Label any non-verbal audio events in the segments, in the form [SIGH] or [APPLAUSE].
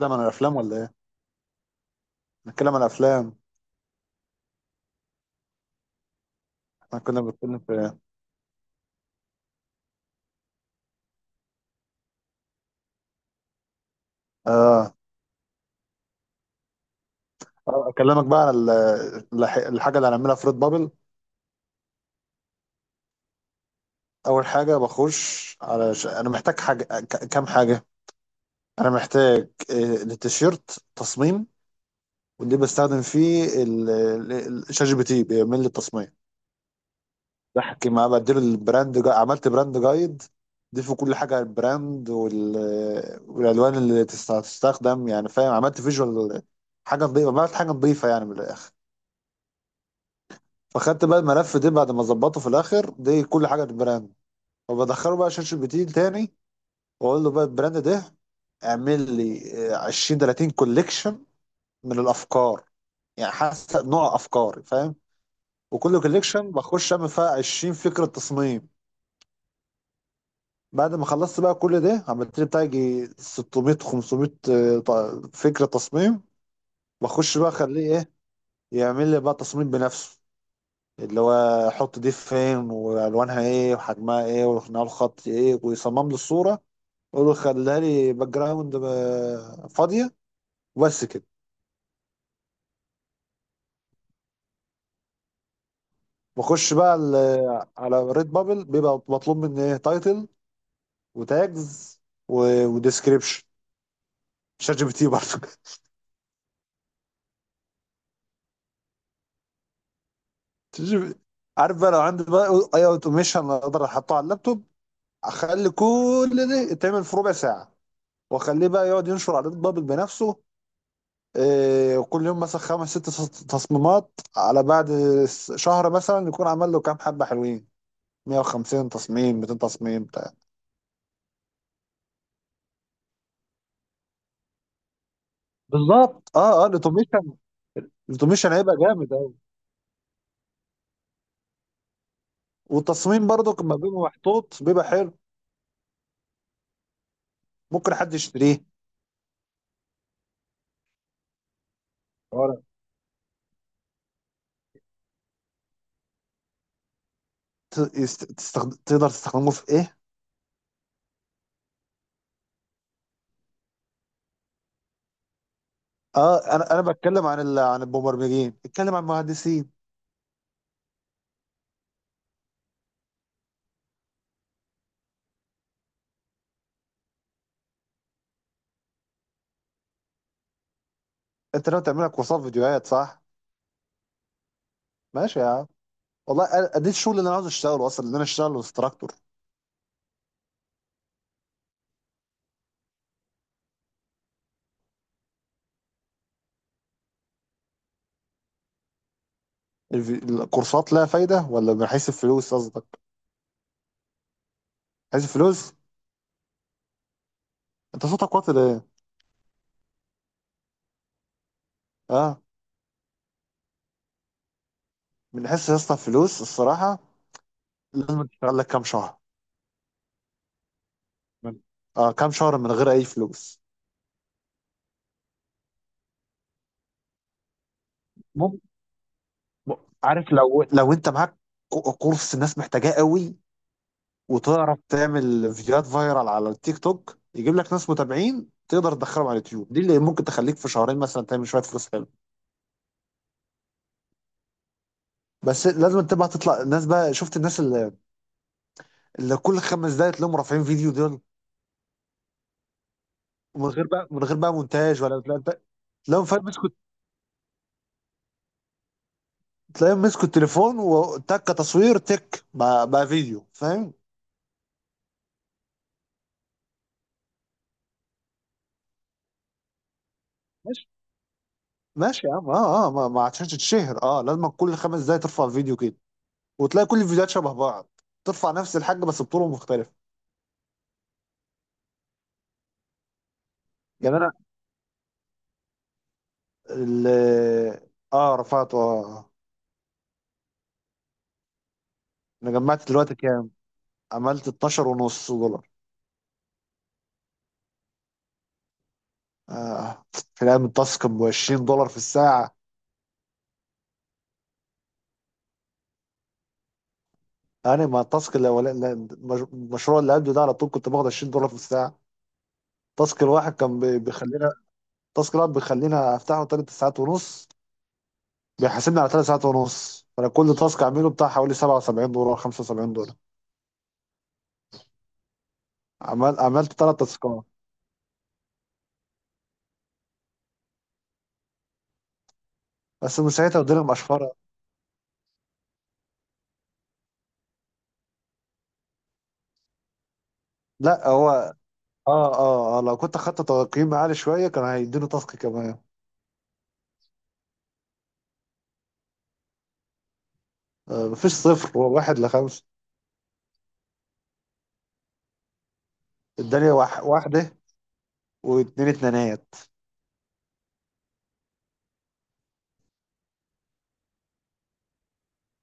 ده من الافلام ولا ايه؟ نتكلم عن الافلام. احنا كنا بنتكلم في ايه؟ اه. اكلمك بقى على الحاجه اللي هنعملها في ريد بابل. اول حاجه بخش على انا محتاج حاجه كام حاجه. انا محتاج التيشيرت تصميم. واللي بستخدم فيه شات جي بي تي بيعمل لي التصميم. بحكي معاه بديله عملت براند جايد. دي في كل حاجه والالوان اللي تستخدم، يعني فاهم، عملت فيجوال. حاجه نظيفه عملت حاجه نظيفه، يعني من الاخر. فخدت بقى الملف ده بعد ما ظبطه في الاخر دي كل حاجه البراند، وبدخله بقى شات جي بي تي تاني، واقول له بقى البراند ده اعمل لي 20 30 كوليكشن من الافكار، يعني حسب نوع افكاري فاهم. وكل كوليكشن بخش اعمل فيها 20 فكره تصميم. بعد ما خلصت بقى كل ده عملت لي بتاع يجي 600 500 فكره تصميم. بخش بقى اخليه ايه، يعمل لي بقى تصميم بنفسه، اللي هو حط دي فين والوانها ايه وحجمها ايه وخناقه الخط ايه، ويصمم له الصوره. يقول له خليها لي باك جراوند فاضيه، وبس كده. بخش بقى على ريد بابل بيبقى مطلوب مني ايه؟ تايتل وتاجز وديسكريبشن. شات جي بي تي برضه [LAUGHS] شات جي بي تي. عارف بقى لو عندي بقى اي اوتوميشن اقدر احطه على اللابتوب، اخلي كل ده يتعمل في ربع ساعه، واخليه بقى يقعد ينشر على ريد بابل بنفسه. إيه، وكل يوم مثلا خمس ست تصميمات، على بعد شهر مثلا يكون عمل له كام حبة حلوين، 150 تصميم 200 تصميم بتاع. بالظبط. اه الاوتوميشن. الاوتوميشن هيبقى جامد قوي. والتصميم برضو لما بيبقى محطوط بيبقى حلو، ممكن حد يشتريه ورق. تقدر تستخدمه في ايه؟ اه، انا بتكلم عن عن المبرمجين، اتكلم عن المهندسين. انت لو تعمل لك كورسات فيديوهات صح؟ ماشي يا عم. والله ده الشغل اللي انا عاوز اشتغله اصلا، ان انا اشتغل انستراكتور. الكورسات لها فايدة، ولا من حيث الفلوس قصدك؟ من حيث الفلوس؟ أنت صوتك واطي ليه؟ أه. من حيث يا اسطى الفلوس الصراحة، لازم تشتغل لك كام شهر. أه، كام شهر من غير أي فلوس. ممكن. عارف، لو أنت معاك كورس الناس محتاجاه قوي، وتعرف تعمل فيديوهات فايرال على التيك توك يجيب لك ناس متابعين تقدر تدخلهم على اليوتيوب، دي اللي ممكن تخليك في شهرين مثلا تعمل شويه فلوس حلو. بس لازم تبقى تطلع الناس بقى، شفت الناس اللي كل خمس دقايق تلاقيهم رافعين فيديو دول؟ ومن غير بقى مونتاج ولا لا انت، لو فاهم، مسكوا. تلاقيهم مسكوا التليفون، وتك تصوير تك بقى فيديو، فاهم. ماشي. ماشي يا عم. اه ما عشان تتشهر لازم كل 5 دقايق ترفع فيديو كده، وتلاقي كل الفيديوهات شبه بعض، ترفع نفس الحاجه بس بطرق مختلفه. يعني انا ال اه رفعت آه، انا جمعت دلوقتي كام؟ عملت 12 ونص دولار. آه. في الايام التاسك ب 20 دولار في الساعه. انا، ما التاسك الاولاني، لا، المشروع اللي قبله ده على طول كنت باخد 20 دولار في الساعه. تاسك الواحد كان بيخلينا، التاسك الواحد بيخلينا افتحه 3 ساعات ونص، بيحاسبني على 3 ساعات ونص، فانا كل تاسك اعمله بتاع حوالي 77 دولار 75 دولار. عملت 3 تاسكات. بس من ساعتها اديله مقشفره. لا هو اه. اه لو كنت اخدت تقييم عالي شويه كان هيديله تاسك كمان. آه، مفيش صفر، هو واحد لخمسه. اداني واحده واتنين اتنينات.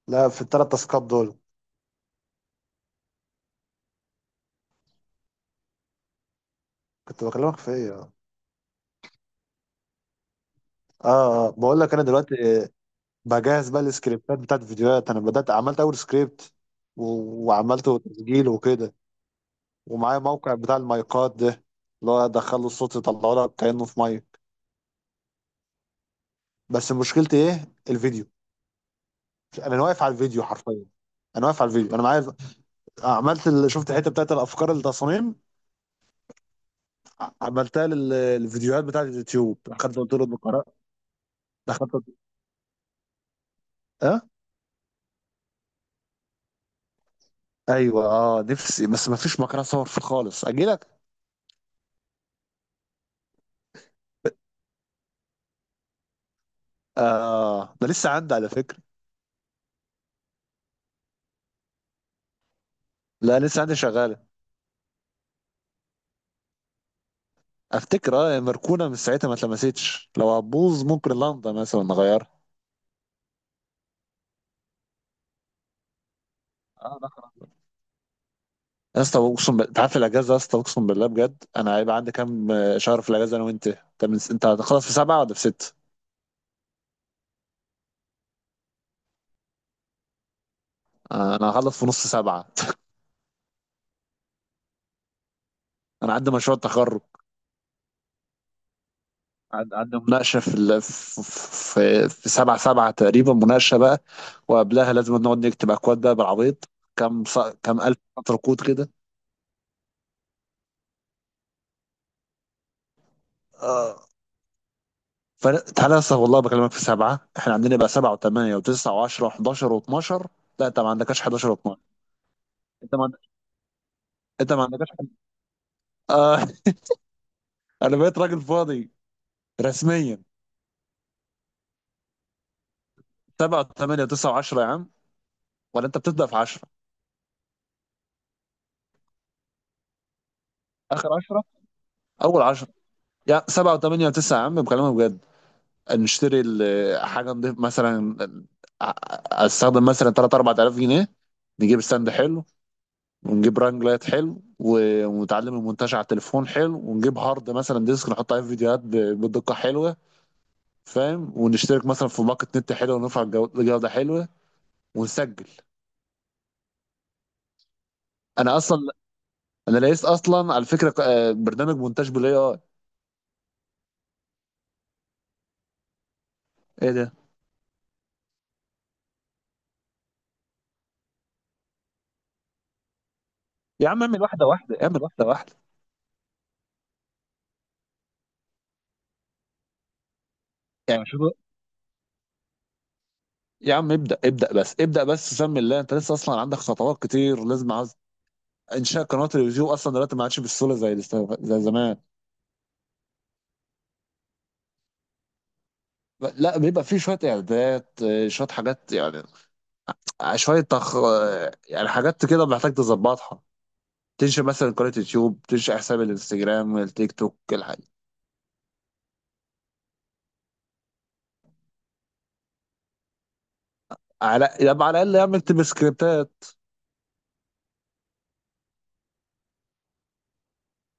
لا، في الـ3 تاسكات دول. كنت بكلمك في ايه؟ بقول لك انا دلوقتي بجهز بقى السكريبتات بتاعت الفيديوهات. انا بدات عملت اول سكريبت وعملته تسجيل وكده. ومعايا موقع بتاع المايكات ده، اللي هو ادخله الصوت يطلعه لك كانه في مايك. بس مشكلتي ايه؟ الفيديو. انا واقف على الفيديو حرفيا. انا واقف على الفيديو، انا معايا، عملت شفت الحته بتاعت الافكار التصاميم، عملتها للفيديوهات بتاعت اليوتيوب. دخلت قلت له الدكتور، دخلت قلت- اه. ايوه، اه، نفسي، بس ما فيش مكان اصور فيه خالص. اجي لك. اه، ده لسه عندي على فكره. لا لسه عندي شغال. افتكر مركونه من ساعتها ما اتلمستش. لو هتبوظ ممكن لندا مثلا نغيرها. اه لا خلاص. يا اسطى اقسم انت عارف الاجازه، يا اسطى اقسم بالله بجد، انا هيبقى عندي كام شهر في الاجازه انا وانت. انت هتخلص في 7 ولا في 6؟ آه، انا هخلص في نص 7. [LAUGHS] انا عندي مشروع تخرج. عدى مناقشه في 7 7 تقريبا مناقشه بقى، وقبلها لازم نقعد نكتب اكواد بقى بالعبيط. كام الف ركود كده. تعالى لسه والله بكلمك في 7، احنا عندنا بقى 7 و8 و9 و10 و11 و12. لا، انت ما عندكش 11 و12. انت ما عند- انت ما عندكش حد... اه [LAUGHS] انا بقيت راجل فاضي رسميا. سبعه وثمانيه وتسعه و10، يا عم. ولا انت بتبدا في 10، اخر 10؟ اول 10. يا 7 و8 و9، يا عم بكلمك بجد، نشتري حاجه نضيف مثلا، استخدم مثلا 3 4000 جنيه، نجيب ستاند حلو، ونجيب رانج لايت حلو، ونتعلم المونتاج على التليفون حلو، ونجيب هارد مثلا ديسك نحط عليه فيديوهات بدقة حلوة، فاهم، ونشترك مثلا في باقة نت حلوة، ونرفع الجودة حلوة، ونسجل. انا اصلا انا لقيت اصلا على فكرة، برنامج مونتاج بالاي اي. ايه ده؟ يا عم اعمل واحدة واحدة، اعمل واحدة واحدة. يعني شوف يا عم، ابدأ ابدأ بس، ابدأ بس سمي الله، انت لسه اصلا عندك خطوات كتير لازم عاوز. انشاء قناة اليوتيوب اصلا دلوقتي ما عادش بالسهولة زي زمان. لا، بيبقى فيه شويه اعدادات، شويه حاجات، يعني شوية تخ... يعني حاجات كده محتاج تظبطها. تنشئ مثلا قناة يوتيوب، تنشئ حساب الانستجرام التيك توك الحاجة. يبقى على الأقل يعمل تبقى سكريبتات.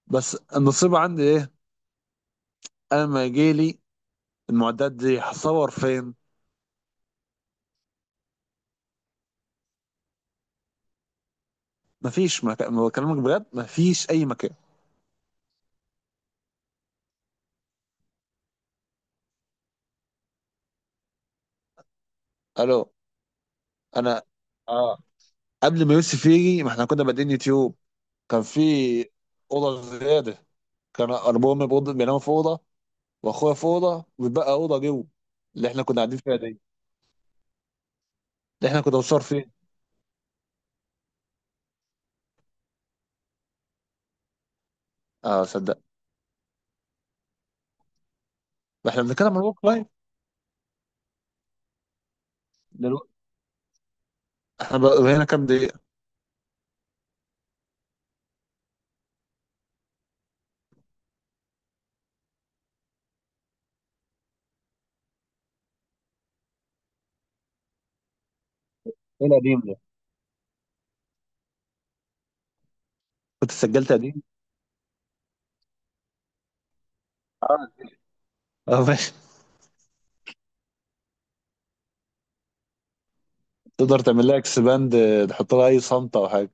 بس النصيب عندي إيه؟ أنا ما يجيلي، المعدات دي هصور فين؟ مفيش مكان بكلمك بجد، مفيش أي مكان. ألو؟ أنا، اه، قبل ما يوسف يجي ما احنا كنا بادئين يوتيوب. كان في أوضة زيادة. كان أبويا بيناموا في أوضة، وأخويا في أوضة، وبقى أوضة جوه اللي احنا كنا قاعدين فيها دي. ده احنا كنا بنصور فين؟ اه صدق. ما احنا بنتكلم عن الورك لايف دلوقتي. احنا بقى هنا كام دقيقة؟ ايه القديم ده؟ كنت سجلت قديم؟ اه. اه ماشي. تقدر تعمل لها اكس باند، تحط لها اي صمتة او حاجة.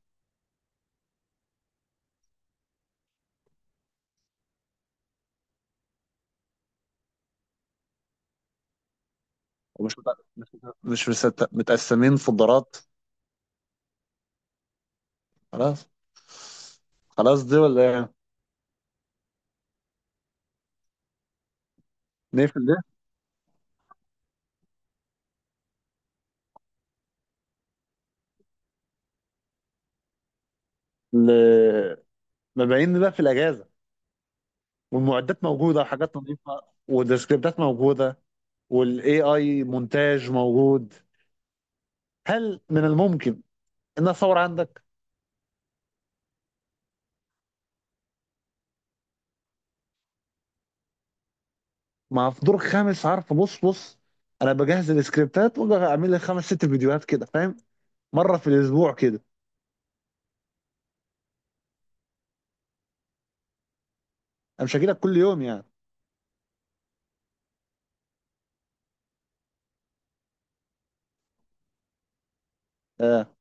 ومش مت... مش مش مست... متقسمين فولدرات. خلاص. خلاص، دي ولا ايه؟ نقفل ده؟ ل- مبيعين بقى في الاجازة، والمعدات موجودة وحاجات نظيفة، والسكريبتات موجودة، والاي اي مونتاج موجود. هل من الممكن ان اصور عندك؟ مع، في دور خامس، عارف، بص بص، انا بجهز السكريبتات واجي اعمل لي خمس ست فيديوهات كده فاهم، مره في الاسبوع كده. انا مش هجيلك كل يوم يعني. آه.